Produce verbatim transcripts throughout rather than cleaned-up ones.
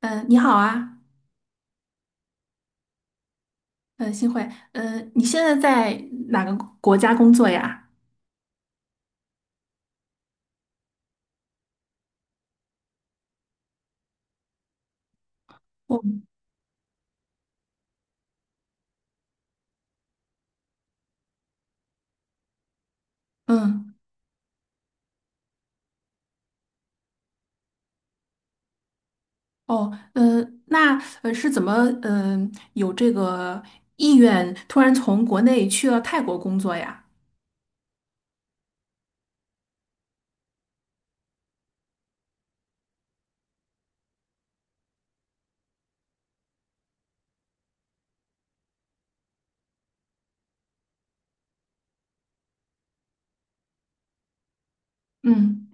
嗯，呃你好啊。嗯，幸会。嗯，你现在在哪个国家工作呀？哦。嗯。哦。嗯，那呃是怎么，嗯，有这个意愿突然从国内去了泰国工作呀？嗯。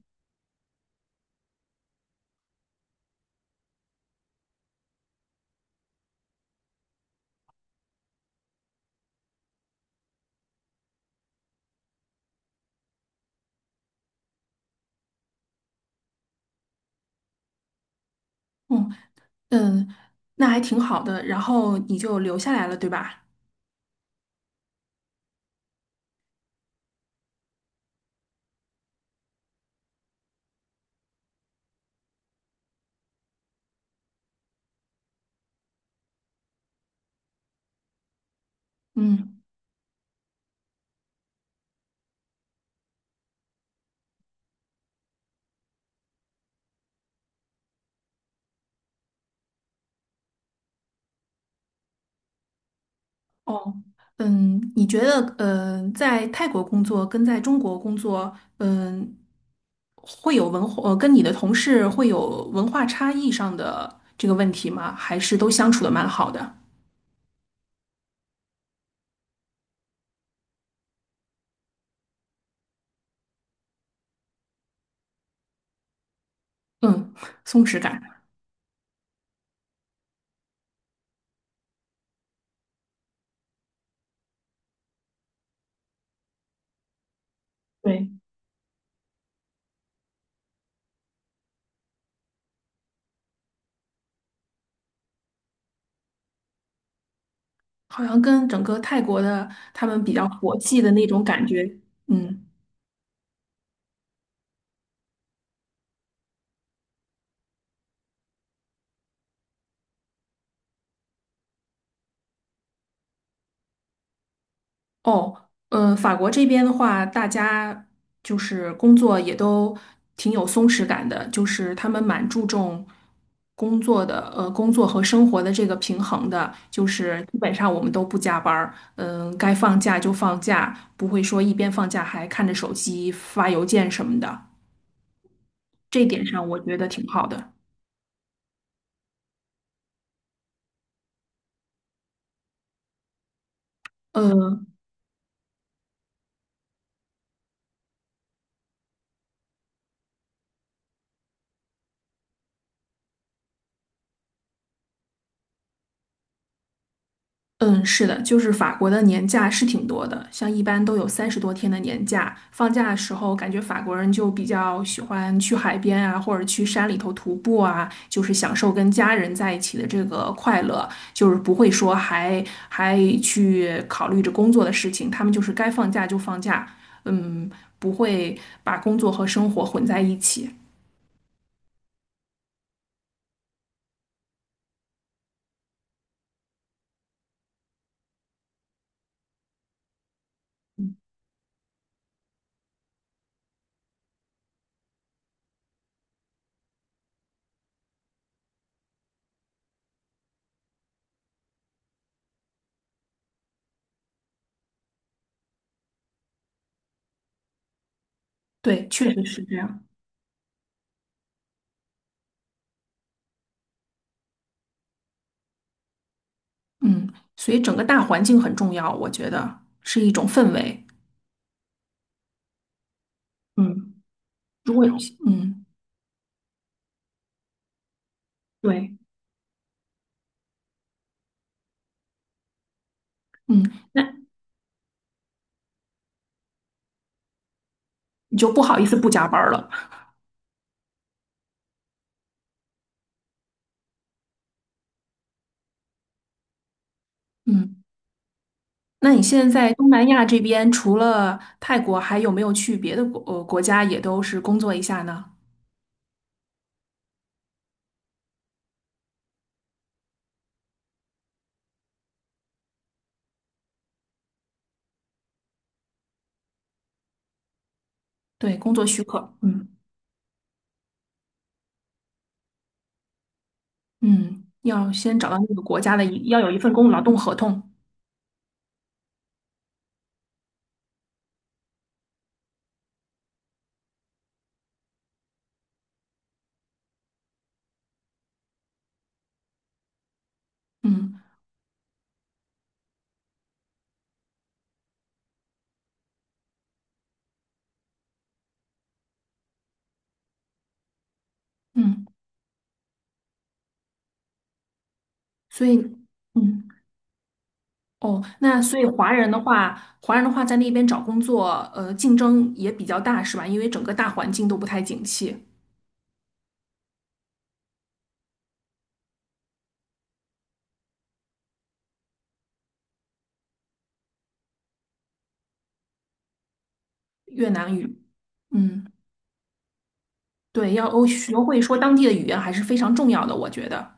嗯。嗯，那还挺好的，然后你就留下来了，对吧？嗯。哦，嗯，你觉得，呃，在泰国工作跟在中国工作，嗯，会有文化，呃，跟你的同事会有文化差异上的这个问题吗？还是都相处的蛮好的？嗯，松弛感。对。好像跟整个泰国的他们比较佛系的那种感觉。嗯。哦，呃，法国这边的话，大家就是工作也都挺有松弛感的，就是他们蛮注重工作的，呃，工作和生活的这个平衡的，就是基本上我们都不加班儿，嗯，该放假就放假，不会说一边放假还看着手机发邮件什么的，这一点上我觉得挺好的。呃，嗯，是的，就是法国的年假是挺多的，像一般都有三十多天的年假。放假的时候，感觉法国人就比较喜欢去海边啊，或者去山里头徒步啊，就是享受跟家人在一起的这个快乐，就是不会说还还去考虑着工作的事情，他们就是该放假就放假，嗯，不会把工作和生活混在一起。对，确实是这样。嗯，所以整个大环境很重要，我觉得是一种氛围。嗯。如果有嗯对，嗯那你就不好意思不加班儿了。嗯，那你现在在东南亚这边，除了泰国，还有没有去别的国呃国家也都是工作一下呢？对，工作许可。嗯嗯，要先找到那个国家的一，要有一份工劳动合同。嗯嗯，所以嗯哦，那所以华人的话，华人的话在那边找工作，呃，竞争也比较大，是吧？因为整个大环境都不太景气。越南语。嗯。对，要欧学会说当地的语言还是非常重要的，我觉得。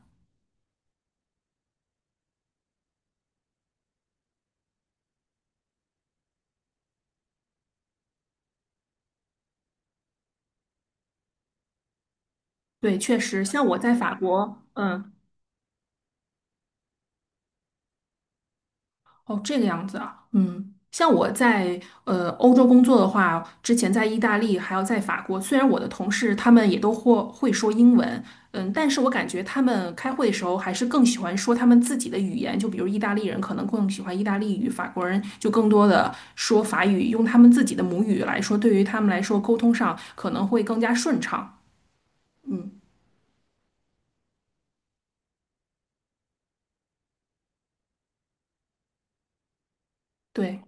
对，确实，像我在法国。嗯，哦，这个样子啊，嗯，像我在呃欧洲工作的话，之前在意大利还有在法国，虽然我的同事他们也都或会说英文，嗯，但是我感觉他们开会的时候还是更喜欢说他们自己的语言，就比如意大利人可能更喜欢意大利语，法国人就更多的说法语，用他们自己的母语来说，对于他们来说沟通上可能会更加顺畅。嗯，对。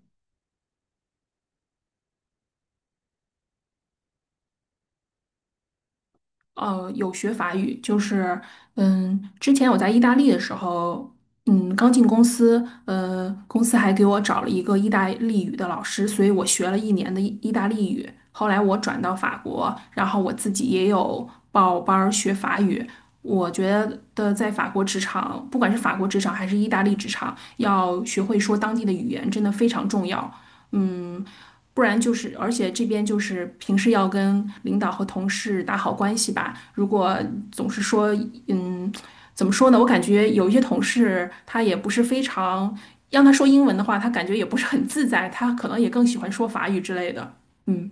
呃，有学法语，就是，嗯，之前我在意大利的时候，嗯，刚进公司，呃，公司还给我找了一个意大利语的老师，所以我学了一年的意意大利语。后来我转到法国，然后我自己也有报班儿学法语。我觉得在法国职场，不管是法国职场还是意大利职场，要学会说当地的语言，真的非常重要。嗯，不然就是，而且这边就是平时要跟领导和同事打好关系吧。如果总是说，嗯，怎么说呢？我感觉有一些同事他也不是非常，让他说英文的话，他感觉也不是很自在，他可能也更喜欢说法语之类的。嗯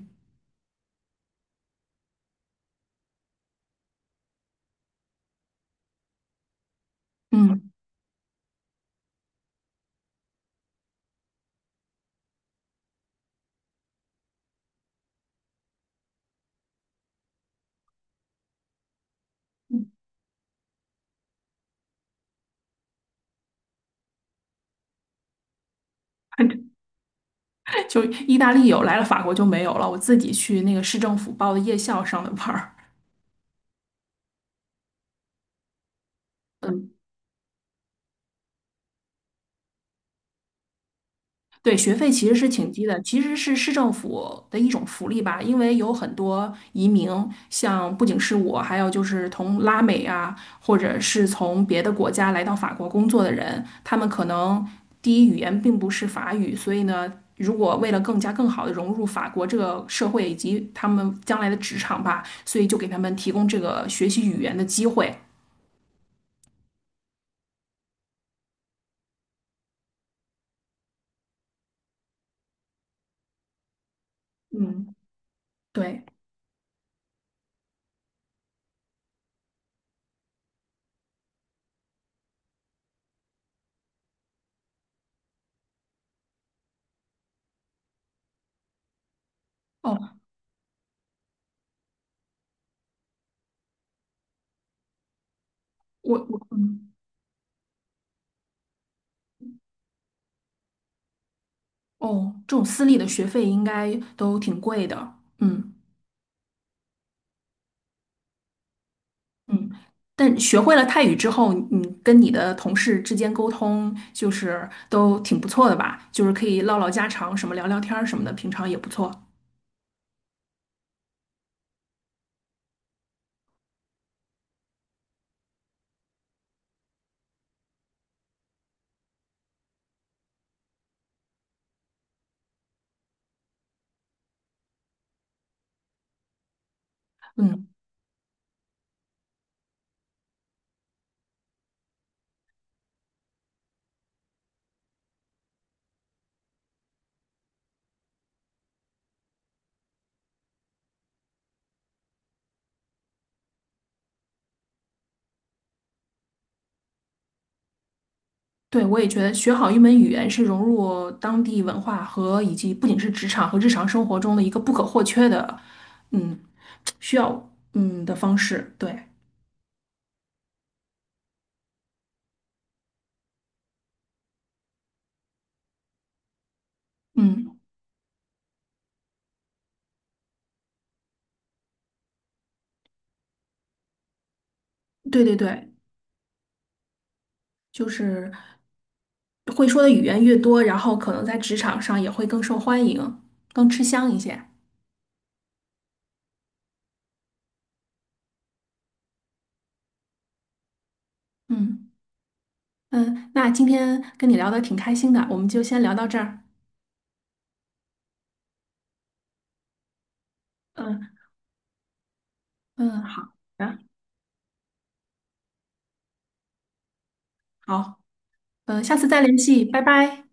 嗯，就意大利有，来了法国就没有了。我自己去那个市政府报的夜校上的班儿。对，学费其实是挺低的，其实是市政府的一种福利吧，因为有很多移民，像不仅是我，还有就是从拉美啊，或者是从别的国家来到法国工作的人，他们可能第一语言并不是法语，所以呢，如果为了更加更好的融入法国这个社会以及他们将来的职场吧，所以就给他们提供这个学习语言的机会。嗯，对，哦，我我哦，这种私立的学费应该都挺贵的。嗯。嗯，但学会了泰语之后，你跟你的同事之间沟通就是都挺不错的吧？就是可以唠唠家常，什么聊聊天儿什么的，平常也不错。嗯，对，我也觉得学好一门语言是融入当地文化和以及不仅是职场和日常生活中的一个不可或缺的，嗯，需要嗯的方式。对，嗯，对对对，就是会说的语言越多，然后可能在职场上也会更受欢迎，更吃香一些。嗯。嗯，那今天跟你聊的挺开心的，我们就先聊到这儿。嗯嗯，好的，好，嗯，下次再联系，拜拜。